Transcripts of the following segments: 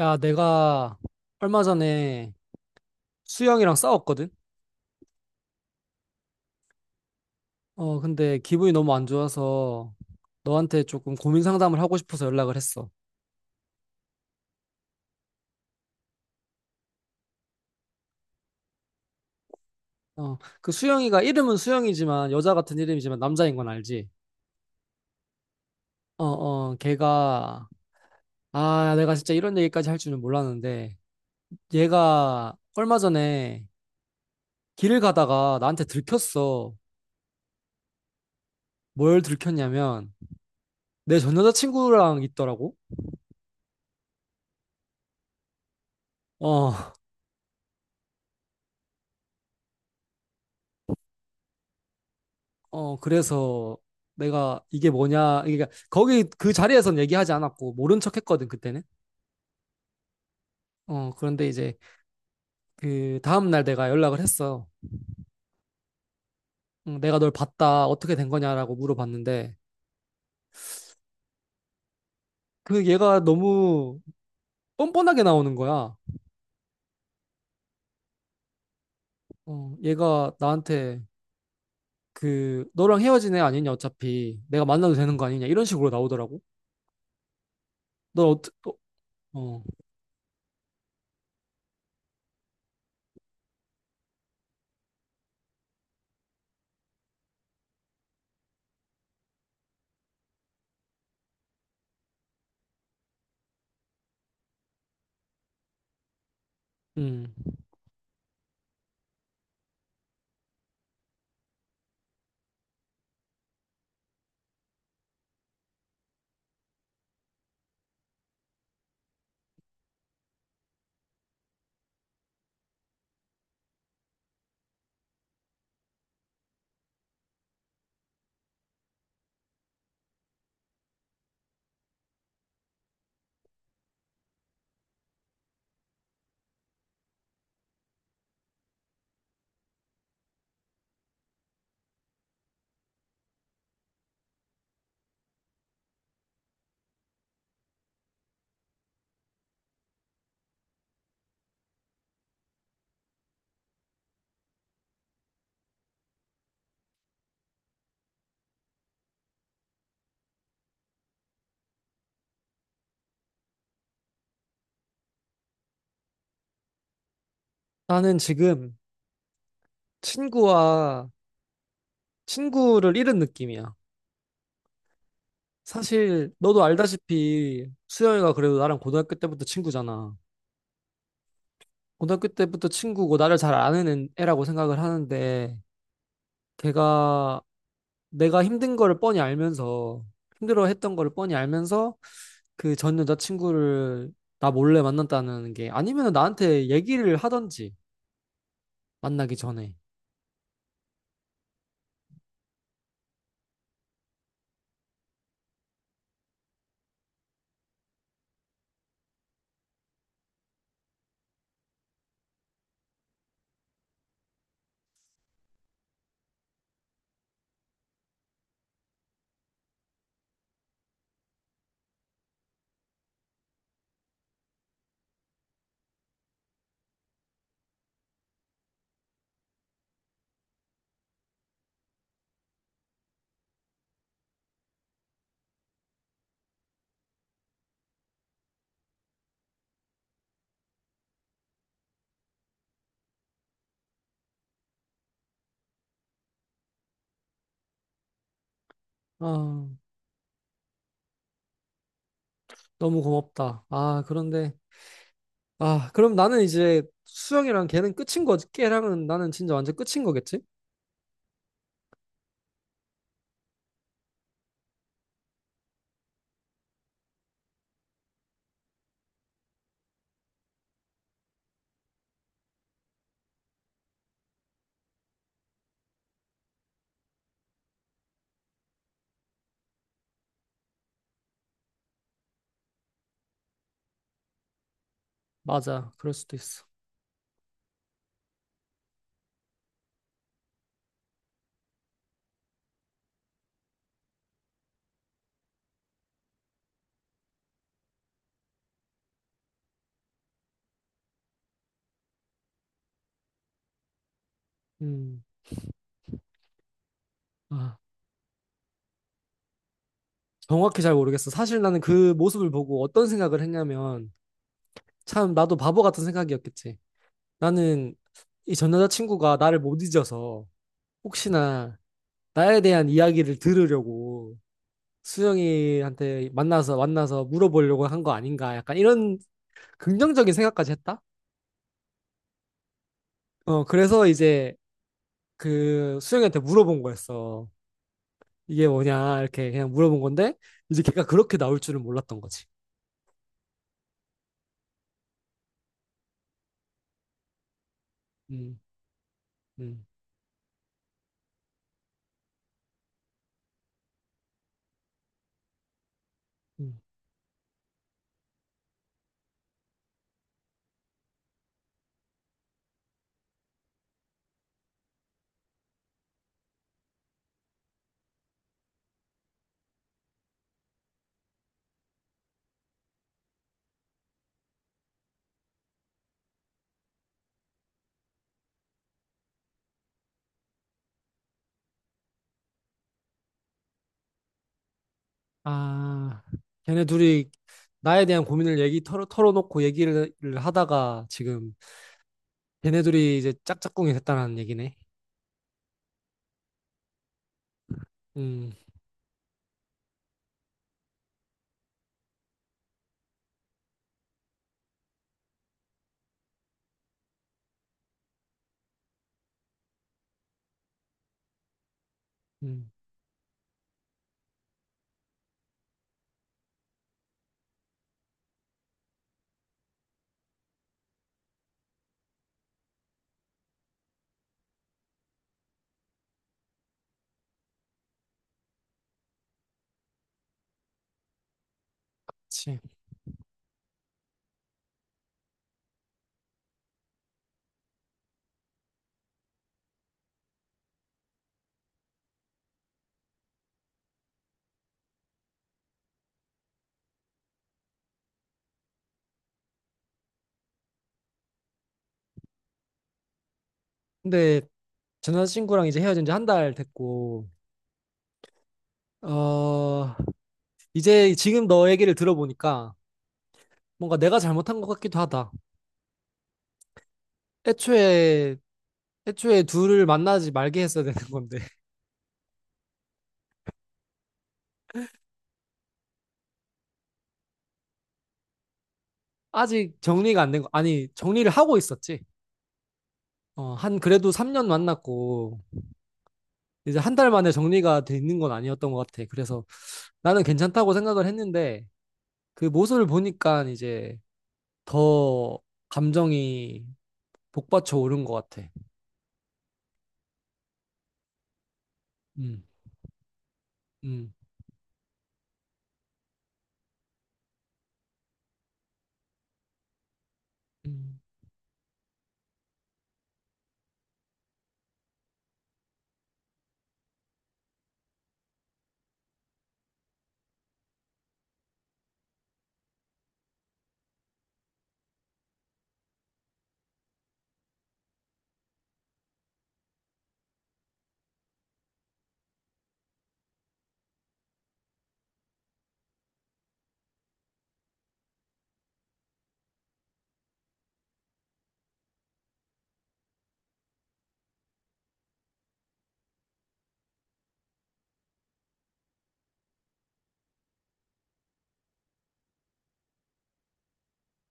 야, 내가 얼마 전에 수영이랑 싸웠거든? 근데 기분이 너무 안 좋아서 너한테 조금 고민 상담을 하고 싶어서 연락을 했어. 어, 그 수영이가 이름은 수영이지만 여자 같은 이름이지만 남자인 건 알지? 어, 어, 걔가 내가 진짜 이런 얘기까지 할 줄은 몰랐는데 얘가 얼마 전에 길을 가다가 나한테 들켰어. 뭘 들켰냐면 내 전 여자친구랑 있더라고. 어. 그래서 내가 이게 뭐냐, 그러니까 거기 그 자리에선 얘기하지 않았고, 모른 척 했거든, 그때는. 그런데 이제 그 다음날 내가 연락을 했어. 응, 내가 널 봤다, 어떻게 된 거냐라고 물어봤는데, 그 얘가 너무 뻔뻔하게 나오는 거야. 얘가 나한테 그, 너랑 헤어진 애 아니냐, 어차피. 내가 만나도 되는 거 아니냐, 이런 식으로 나오더라고. 너 어떻 어, 어, 음. 나는 지금 친구와 친구를 잃은 느낌이야. 사실 너도 알다시피 수영이가 그래도 나랑 고등학교 때부터 친구잖아. 고등학교 때부터 친구고 나를 잘 아는 애라고 생각을 하는데 걔가 내가 힘든 거를 뻔히 알면서 힘들어 했던 거를 뻔히 알면서 그 전 여자친구를 나 몰래 만났다는 게 아니면 나한테 얘기를 하던지 만나기 전에. 아, 너무 고맙다. 아, 그런데 그럼 나는 이제 수영이랑 걔는 끝인 거지. 걔랑은 나는 진짜 완전 끝인 거겠지? 맞아. 그럴 수도 있어. 음, 아, 정확히 잘 모르겠어. 사실 나는 그 모습을 보고 어떤 생각을 했냐면, 참, 나도 바보 같은 생각이었겠지. 나는 이 전 여자친구가 나를 못 잊어서, 혹시나 나에 대한 이야기를 들으려고 수영이한테 만나서 물어보려고 한 거 아닌가. 약간 이런 긍정적인 생각까지 했다? 그래서 이제 그 수영이한테 물어본 거였어. 이게 뭐냐, 이렇게 그냥 물어본 건데, 이제 걔가 그렇게 나올 줄은 몰랐던 거지. 음, 음. 음. 아, 걔네 둘이 나에 대한 고민을 얘기 털어놓고 얘기를 하다가 지금 걔네 둘이 이제 짝짝꿍이 됐다는 얘기네. 음, 음, 그치. 근데 전 여자친구랑 이제 헤어진 지 한 달 됐고, 어, 이제 지금 너 얘기를 들어보니까 뭔가 내가 잘못한 것 같기도 하다. 애초에, 애초에 둘을 만나지 말게 했어야 되는 건데. 아직 정리가 안 된 거, 아니, 정리를 하고 있었지. 한 그래도 3년 만났고, 이제 한 달 만에 정리가 돼 있는 건 아니었던 것 같아. 그래서 나는 괜찮다고 생각을 했는데 그 모습을 보니까 이제 더 감정이 복받쳐 오른 것 같아. 음, 음, 음.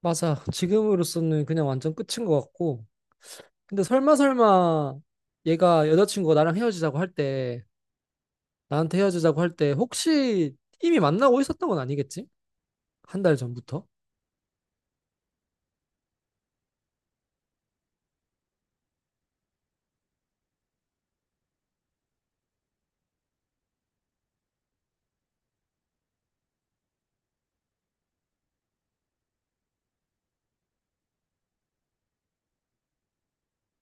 맞아. 지금으로서는 그냥 완전 끝인 것 같고. 근데 설마 설마 얘가 여자친구가 나랑 헤어지자고 할 때, 나한테 헤어지자고 할 때 혹시 이미 만나고 있었던 건 아니겠지? 한 달 전부터?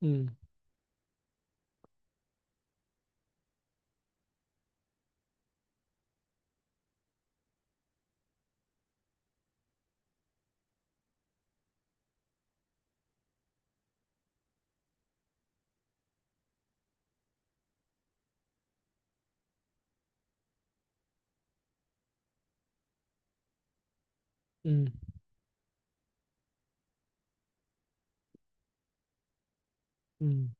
음, 음, 음,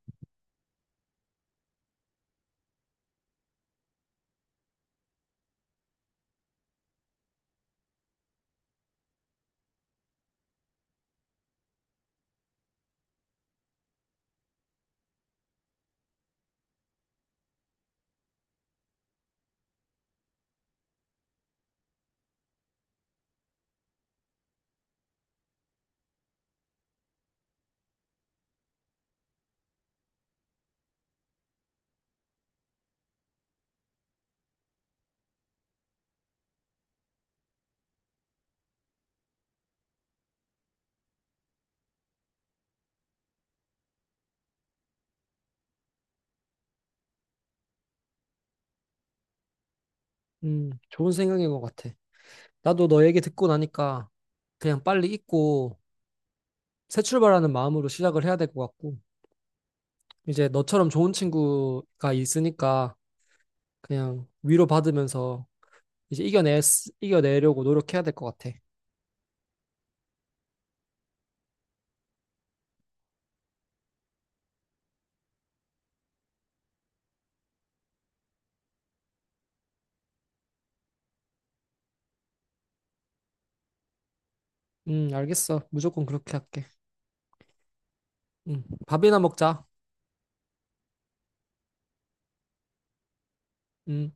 좋은 생각인 것 같아. 나도 너 얘기 듣고 나니까 그냥 빨리 잊고 새 출발하는 마음으로 시작을 해야 될 것 같고, 이제 너처럼 좋은 친구가 있으니까 그냥 위로받으면서 이제 이겨내려고 노력해야 될 것 같아. 알겠어. 무조건 그렇게 할게. 밥이나 먹자. 음.